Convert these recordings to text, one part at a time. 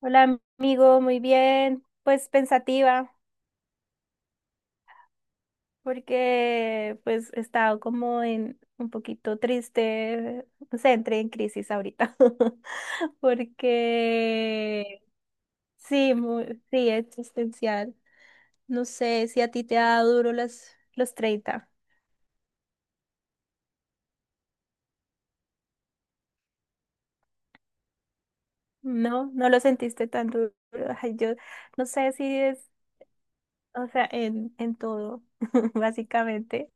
Hola amigo, muy bien, pues pensativa, porque pues he estado como en un poquito triste, no sé, entré en crisis ahorita, porque sí, muy, sí, existencial. No sé si a ti te ha dado duro los 30. ¿No? No lo sentiste tan duro. Ay, yo no sé si es, o sea, en todo, básicamente.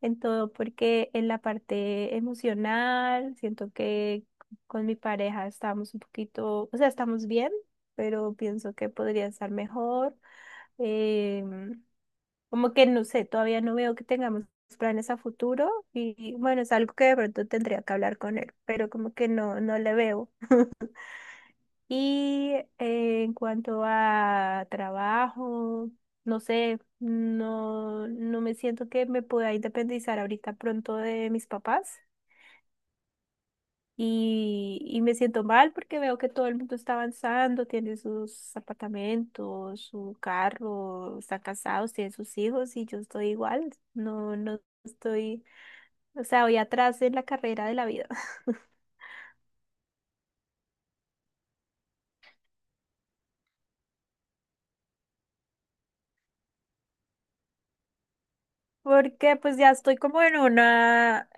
En todo, porque en la parte emocional siento que con mi pareja estamos un poquito, o sea, estamos bien, pero pienso que podría estar mejor. em, Como que no sé, todavía no veo que tengamos planes a futuro y bueno, es algo que de pronto tendría que hablar con él, pero como que no, no le veo. Y en cuanto a trabajo, no sé, no, no me siento que me pueda independizar ahorita pronto de mis papás. Y me siento mal porque veo que todo el mundo está avanzando, tiene sus apartamentos, su carro, están casados, tienen sus hijos y yo estoy igual. No, no estoy, o sea, voy atrás en la carrera de la vida. Porque pues ya estoy como en una.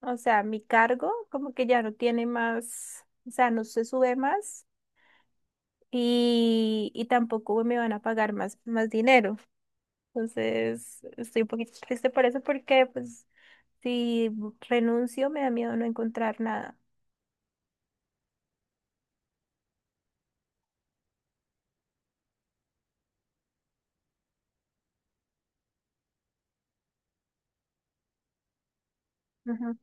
O sea, mi cargo como que ya no tiene más, o sea, no se sube más y tampoco me van a pagar más, más dinero. Entonces, estoy un poquito triste por eso porque pues si renuncio me da miedo no encontrar nada. Ujú.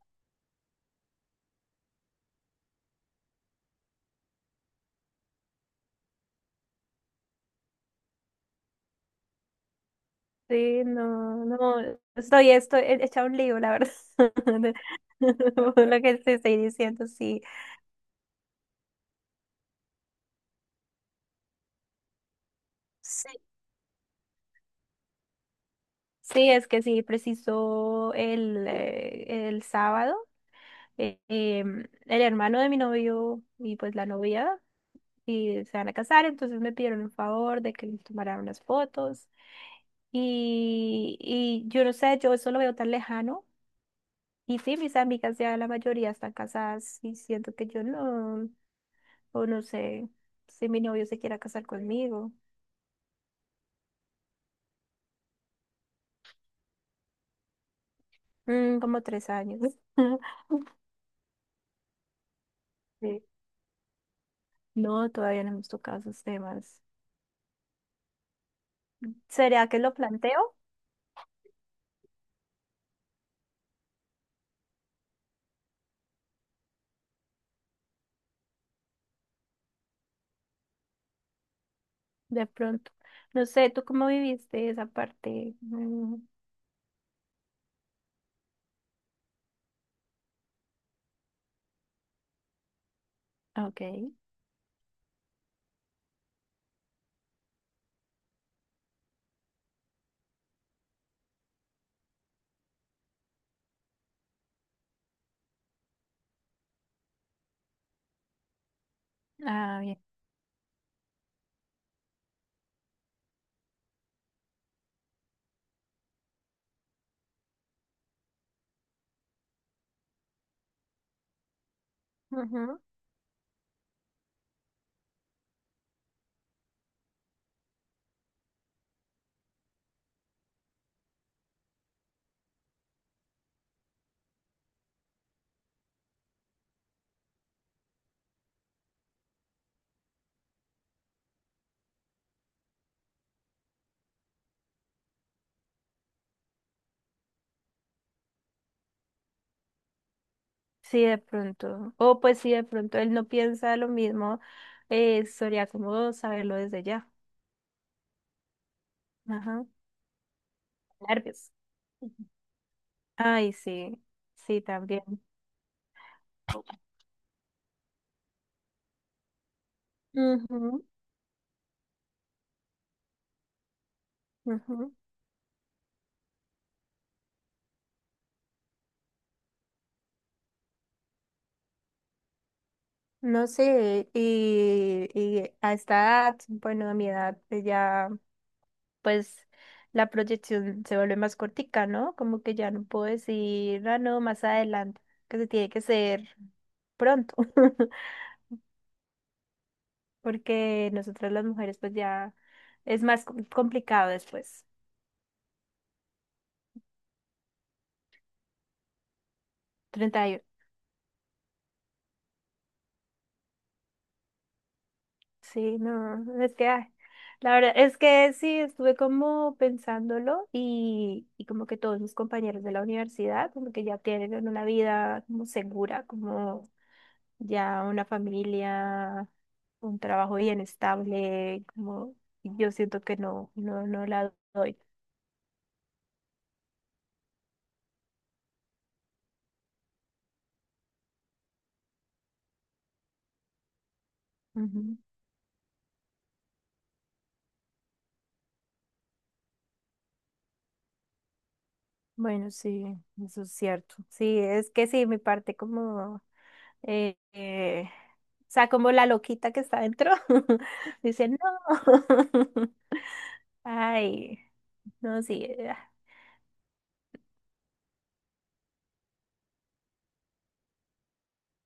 Sí, no, no, estoy hecha un lío, la verdad. Por lo que te estoy diciendo, sí. Sí, sí, es que sí, preciso el sábado. El hermano de mi novio y pues la novia y se van a casar, entonces me pidieron un favor de que les tomara unas fotos y yo no sé, yo eso lo veo tan lejano y sí, mis amigas ya la mayoría están casadas y siento que yo no, o no sé si mi novio se quiera casar conmigo. Como tres años. Sí. No, todavía no hemos tocado esos temas. ¿Será que lo planteo? De pronto. No sé, ¿tú cómo viviste esa parte? Mm, ok. Ah, bien. Ujú. Sí, de pronto. O pues sí, de pronto él no piensa lo mismo. Sería como saberlo desde ya. Ajá. Nervios. Ujú. Ay, sí. Sí, también. Ujú, ujú. No sé, y a esta edad, bueno, a mi edad pues ya, pues la proyección se vuelve más cortica, ¿no? Como que ya no puedo decir, ah, no, más adelante, que se tiene que ser pronto, porque nosotras las mujeres pues ya es más complicado después. 30. Sí, no, no, es que ay, la verdad es que sí, estuve como pensándolo y como que todos mis compañeros de la universidad como que ya tienen una vida como segura, como ya una familia, un trabajo bien estable, como y yo siento que no, no, no la doy. Ujú. Bueno, sí, eso es cierto. Sí, es que sí, mi parte como eh, eh, o sea, como la loquita que está dentro, dice, no. Ay, no, sí.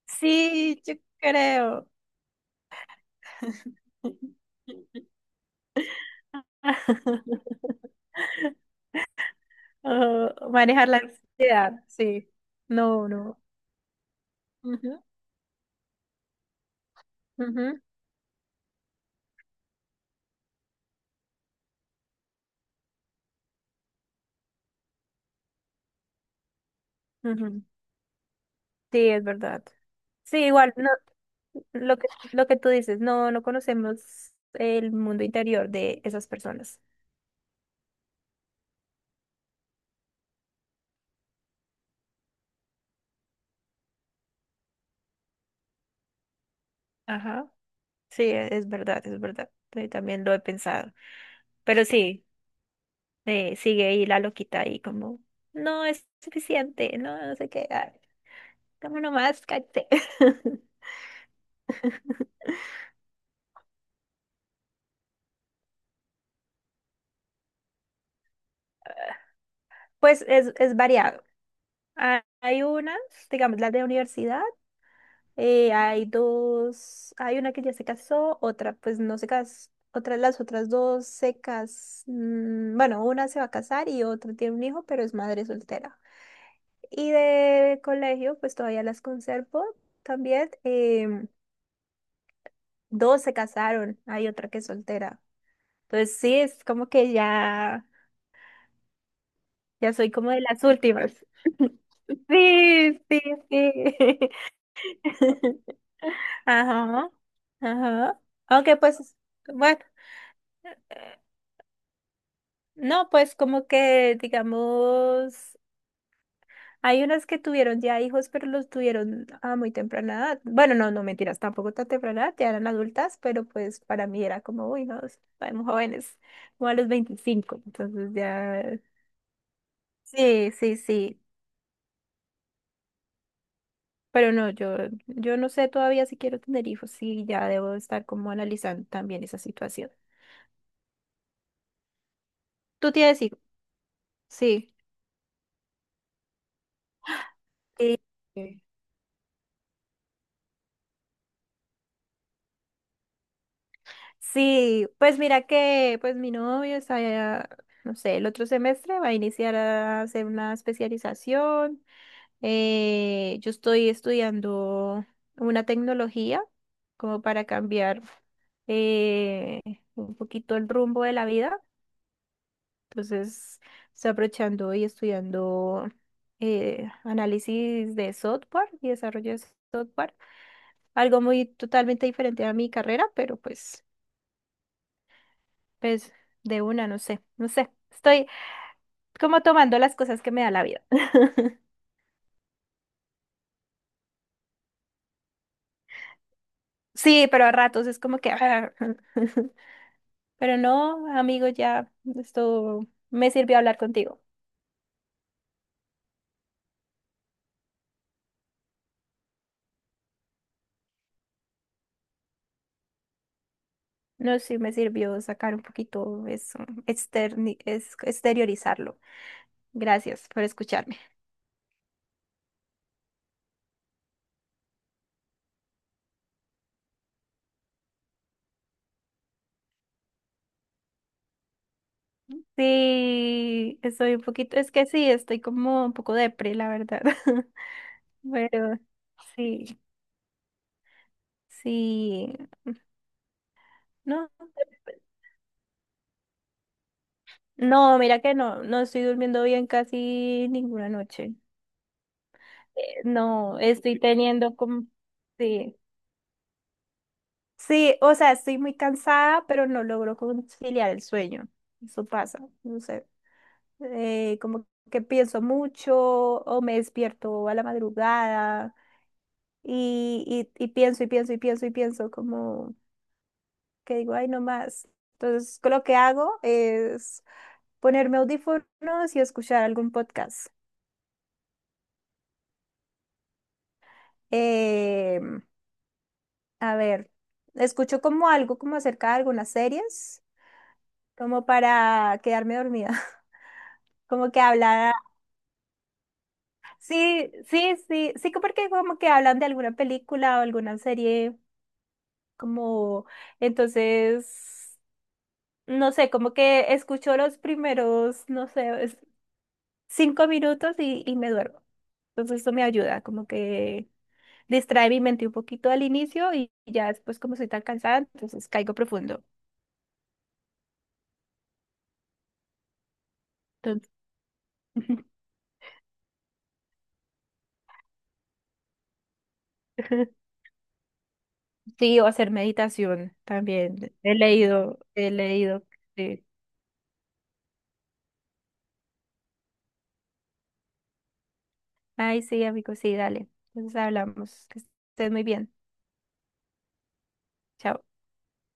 Sí, yo creo. Oh, manejar la ansiedad, sí. No, no. Ujú, ujú, ujú. Sí, es verdad. Sí, igual, no, lo que, lo que tú dices, no, no conocemos el mundo interior de esas personas. Ajá. Sí, es verdad, es verdad. Sí, también lo he pensado. Pero sí, sigue ahí la loquita ahí como, no es suficiente, no, no sé qué, ay, dame nomás, cállate. Pues es variado. Hay unas, digamos, las de universidad, hay dos, hay una que ya se casó, otra pues no se casó, otras las otras dos bueno, una se va a casar y otra tiene un hijo, pero es madre soltera. Y de colegio, pues todavía las conservo también. Dos se casaron, hay otra que es soltera. Entonces sí, es como que ya, ya soy como de las últimas. Sí, sí, sí. Ajá, ajá. Aunque pues, bueno, no, pues como que digamos. Hay unas que tuvieron ya hijos, pero los tuvieron a muy temprana edad. Bueno, no, no mentiras, tampoco tan temprana edad, ya eran adultas, pero pues para mí era como, uy, no, estamos jóvenes, como a los 25, entonces ya, sí, sí, sí, pero no, yo no sé todavía si quiero tener hijos, sí, ya debo estar como analizando también esa situación. ¿Tú tienes hijos? Sí. Sí. Sí, pues mira que pues mi novio está, ya, no sé, el otro semestre va a iniciar a hacer una especialización. Yo estoy estudiando una tecnología como para cambiar eh, un poquito el rumbo de la vida. Entonces, estoy aprovechando y estudiando análisis de software y desarrollo de software. Algo muy totalmente diferente a mi carrera, pero pues, de una, no sé, no sé. Estoy como tomando las cosas que me da la vida. Sí, pero a ratos es como que... Pero no, amigo, ya esto me sirvió hablar contigo. No, sí, me sirvió sacar un poquito eso, exteriorizarlo. Gracias por escucharme. Sí, estoy un poquito, es que sí, estoy como un poco depre, la verdad. Pero sí, sí, no, no, mira que no, no estoy durmiendo bien casi ninguna noche. No, estoy teniendo como, sí. Sí, o sea, estoy muy cansada, pero no logro conciliar el sueño. Eso pasa, no sé. Como que pienso mucho o me despierto a la madrugada y, y pienso y pienso y pienso y pienso como que digo, ay, no más. Entonces, lo que hago es ponerme audífonos y escuchar algún podcast. Em, a ver, escucho como algo como acerca de algunas series, como para quedarme dormida. Como que hablan. Sí, sí, sí, sí, que porque como que hablan de alguna película o alguna serie, como entonces, no sé, como que escucho los primeros, no sé, 5 minutos y me duermo. Entonces eso me ayuda, como que distrae mi mente un poquito al inicio y ya después como soy tan cansada, entonces caigo profundo. Entonces, sí, o hacer meditación también. He leído, he leído. Sí. Ay, sí, amigo, sí, dale. Entonces hablamos. Que estés muy bien. Chao.